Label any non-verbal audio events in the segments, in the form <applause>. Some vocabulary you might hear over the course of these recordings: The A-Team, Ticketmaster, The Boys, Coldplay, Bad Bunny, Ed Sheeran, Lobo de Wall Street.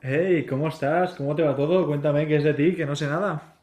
Hey, ¿cómo estás? ¿Cómo te va todo? Cuéntame qué es de ti, que no sé nada.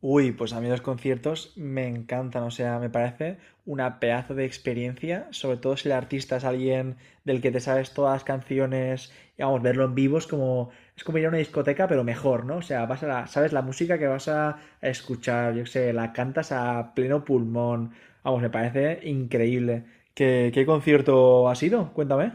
Uy, pues a mí los conciertos me encantan, o sea, me parece una pedazo de experiencia, sobre todo si el artista es alguien del que te sabes todas las canciones, y vamos, verlo en vivo es como ir a una discoteca, pero mejor, ¿no? O sea, sabes la música que vas a escuchar, yo qué sé, la cantas a pleno pulmón, vamos, me parece increíble. ¿Qué concierto ha sido? Cuéntame.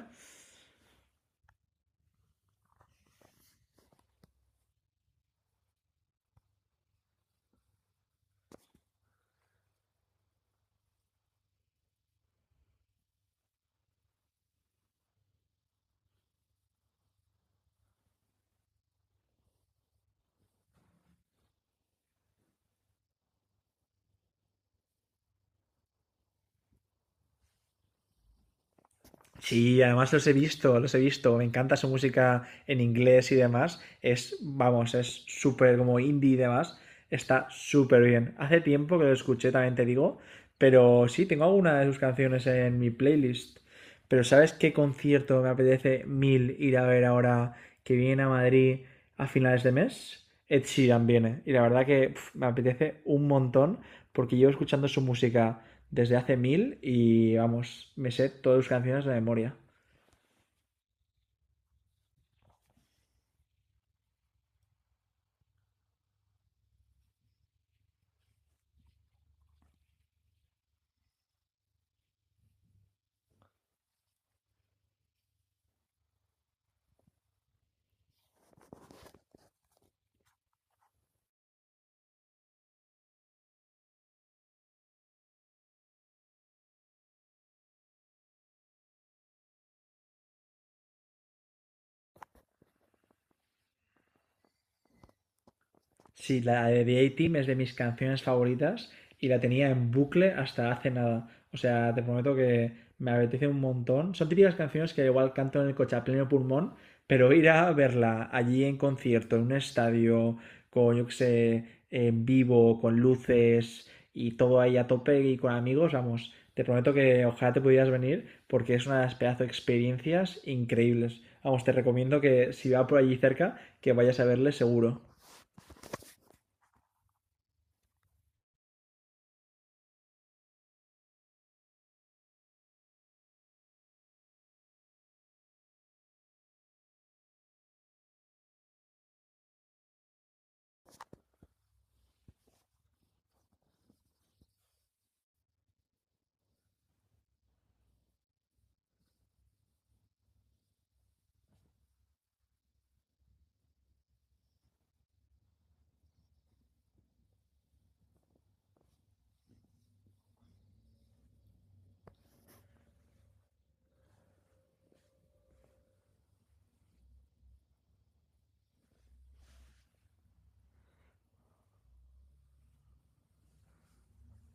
Sí, además los he visto, los he visto. Me encanta su música en inglés y demás. Es, vamos, es súper como indie y demás. Está súper bien. Hace tiempo que lo escuché, también te digo. Pero sí, tengo alguna de sus canciones en mi playlist. Pero ¿sabes qué concierto me apetece mil ir a ver ahora que viene a Madrid a finales de mes? Ed Sheeran viene. Y la verdad que pf, me apetece un montón porque llevo escuchando su música desde hace mil y vamos, me sé todas sus canciones de memoria. Sí, la de The A-Team es de mis canciones favoritas y la tenía en bucle hasta hace nada. O sea, te prometo que me apetece un montón. Son típicas canciones que igual canto en el coche a pleno pulmón, pero ir a verla allí en concierto, en un estadio, con, yo qué sé, en vivo, con luces y todo ahí a tope y con amigos, vamos, te prometo que ojalá te pudieras venir porque es una de las pedazo de experiencias increíbles. Vamos, te recomiendo que si va por allí cerca, que vayas a verle seguro.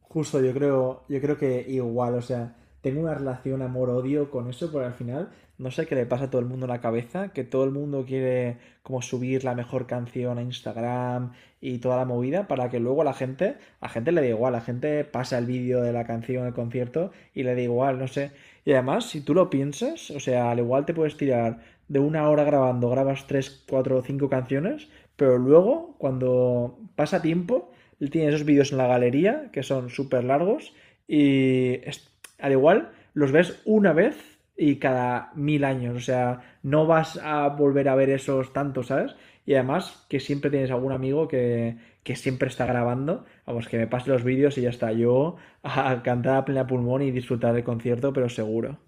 Justo, yo creo que igual, o sea, tengo una relación amor-odio con eso, porque al final no sé qué le pasa a todo el mundo en la cabeza, que todo el mundo quiere como subir la mejor canción a Instagram y toda la movida para que luego la gente, a gente le da igual, la gente pasa el vídeo de la canción al concierto y le da igual, no sé. Y además, si tú lo piensas, o sea, al igual te puedes tirar de una hora grabando, grabas tres, cuatro o cinco canciones, pero luego, cuando pasa tiempo, tiene esos vídeos en la galería que son súper largos y es- al igual los ves una vez y cada mil años, o sea, no vas a volver a ver esos tantos, ¿sabes? Y además que siempre tienes algún amigo que siempre está grabando, vamos, que me pase los vídeos y ya está, yo a cantar a plena pulmón y disfrutar del concierto, pero seguro.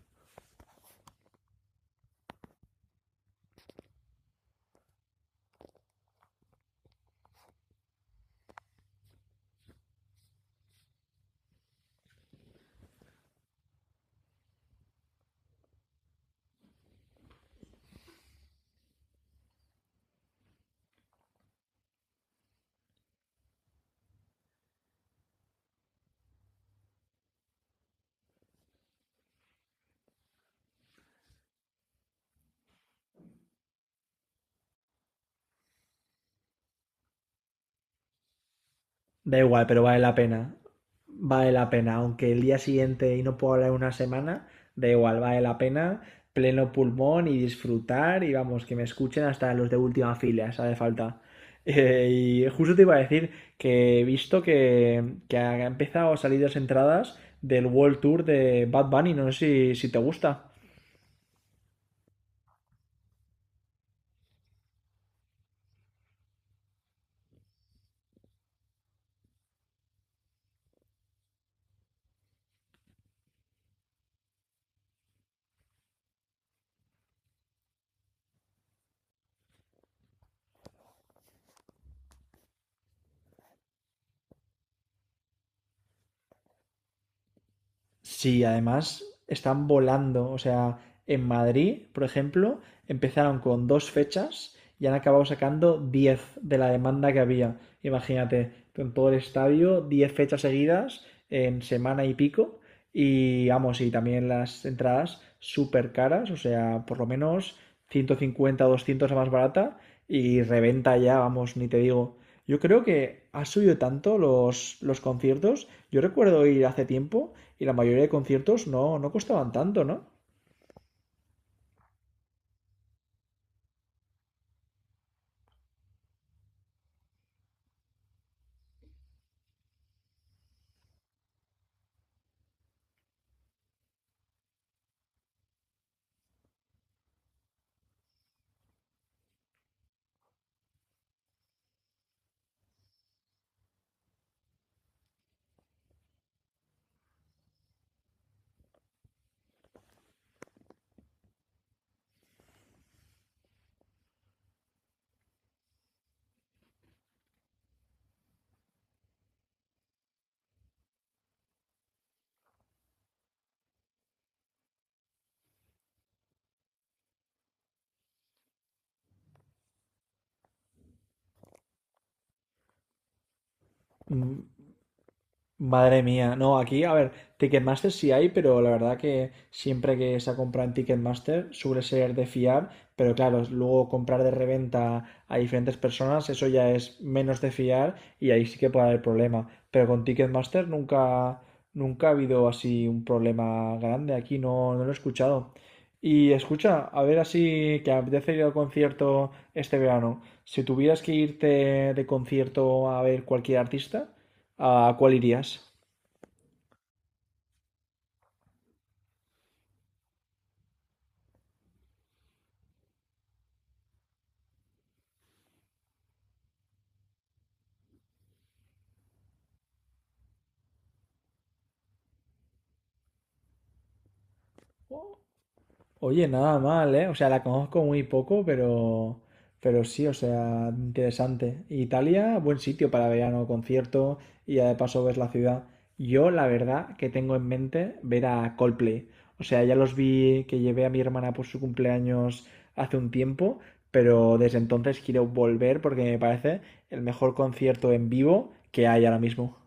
Da igual, pero vale la pena. Vale la pena. Aunque el día siguiente y no puedo hablar una semana, da igual, vale la pena. Pleno pulmón y disfrutar. Y vamos, que me escuchen hasta los de última fila, si hace falta. <laughs> Y justo te iba a decir que he visto que ha empezado a salir las entradas del World Tour de Bad Bunny. No sé si te gusta. Sí, además están volando. O sea, en Madrid, por ejemplo, empezaron con dos fechas y han acabado sacando 10 de la demanda que había. Imagínate, tú en todo el estadio, 10 fechas seguidas en semana y pico. Y vamos, y también las entradas súper caras, o sea, por lo menos 150 o 200 la más barata y reventa ya, vamos, ni te digo. Yo creo que ha subido tanto los conciertos. Yo recuerdo ir hace tiempo y la mayoría de conciertos no, no costaban tanto, ¿no? Mm, Madre mía, no, aquí, a ver, Ticketmaster sí hay, pero la verdad que siempre que se compra en Ticketmaster suele ser de fiar, pero claro, luego comprar de reventa a diferentes personas, eso ya es menos de fiar y ahí sí que puede haber problema. Pero con Ticketmaster nunca, nunca ha habido así un problema grande, aquí no, no lo he escuchado. Y escucha, a ver así que apetece ir al concierto este verano. Si tuvieras que irte de concierto a ver cualquier artista, ¿a cuál irías? Oye, nada mal, ¿eh? O sea, la conozco muy poco, pero sí, o sea, interesante. Italia, buen sitio para verano, concierto y ya de paso ves la ciudad. Yo, la verdad, que tengo en mente ver a Coldplay. O sea, ya los vi que llevé a mi hermana por su cumpleaños hace un tiempo, pero desde entonces quiero volver porque me parece el mejor concierto en vivo que hay ahora mismo.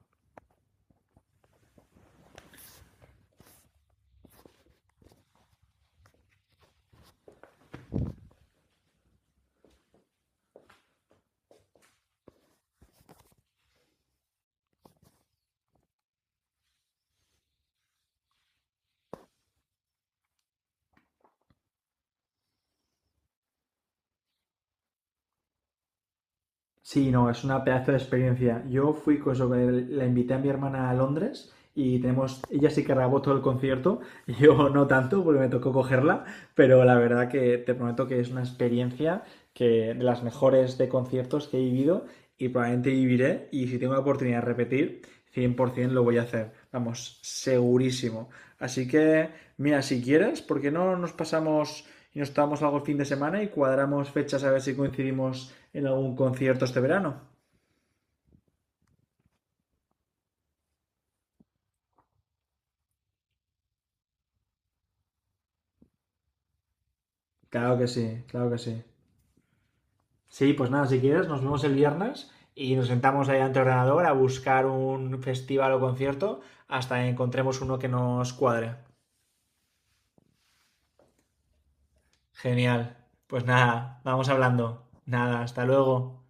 Sí, no, es una pedazo de experiencia. Yo fui con eso, la invité a mi hermana a Londres y tenemos, ella sí que grabó todo el concierto, <laughs> yo no tanto porque me tocó cogerla, pero la verdad que te prometo que es una experiencia que de las mejores de conciertos que he vivido y probablemente viviré y si tengo la oportunidad de repetir, 100% lo voy a hacer, vamos, segurísimo. Así que, mira, si quieres, ¿por qué no nos pasamos y nos tomamos algo el fin de semana y cuadramos fechas a ver si coincidimos en algún concierto este verano? Claro que sí, claro que sí. Sí, pues nada, si quieres, nos vemos el viernes y nos sentamos ahí ante el ordenador a buscar un festival o concierto hasta que encontremos uno que nos cuadre. Genial. Pues nada, vamos hablando. Nada, hasta luego.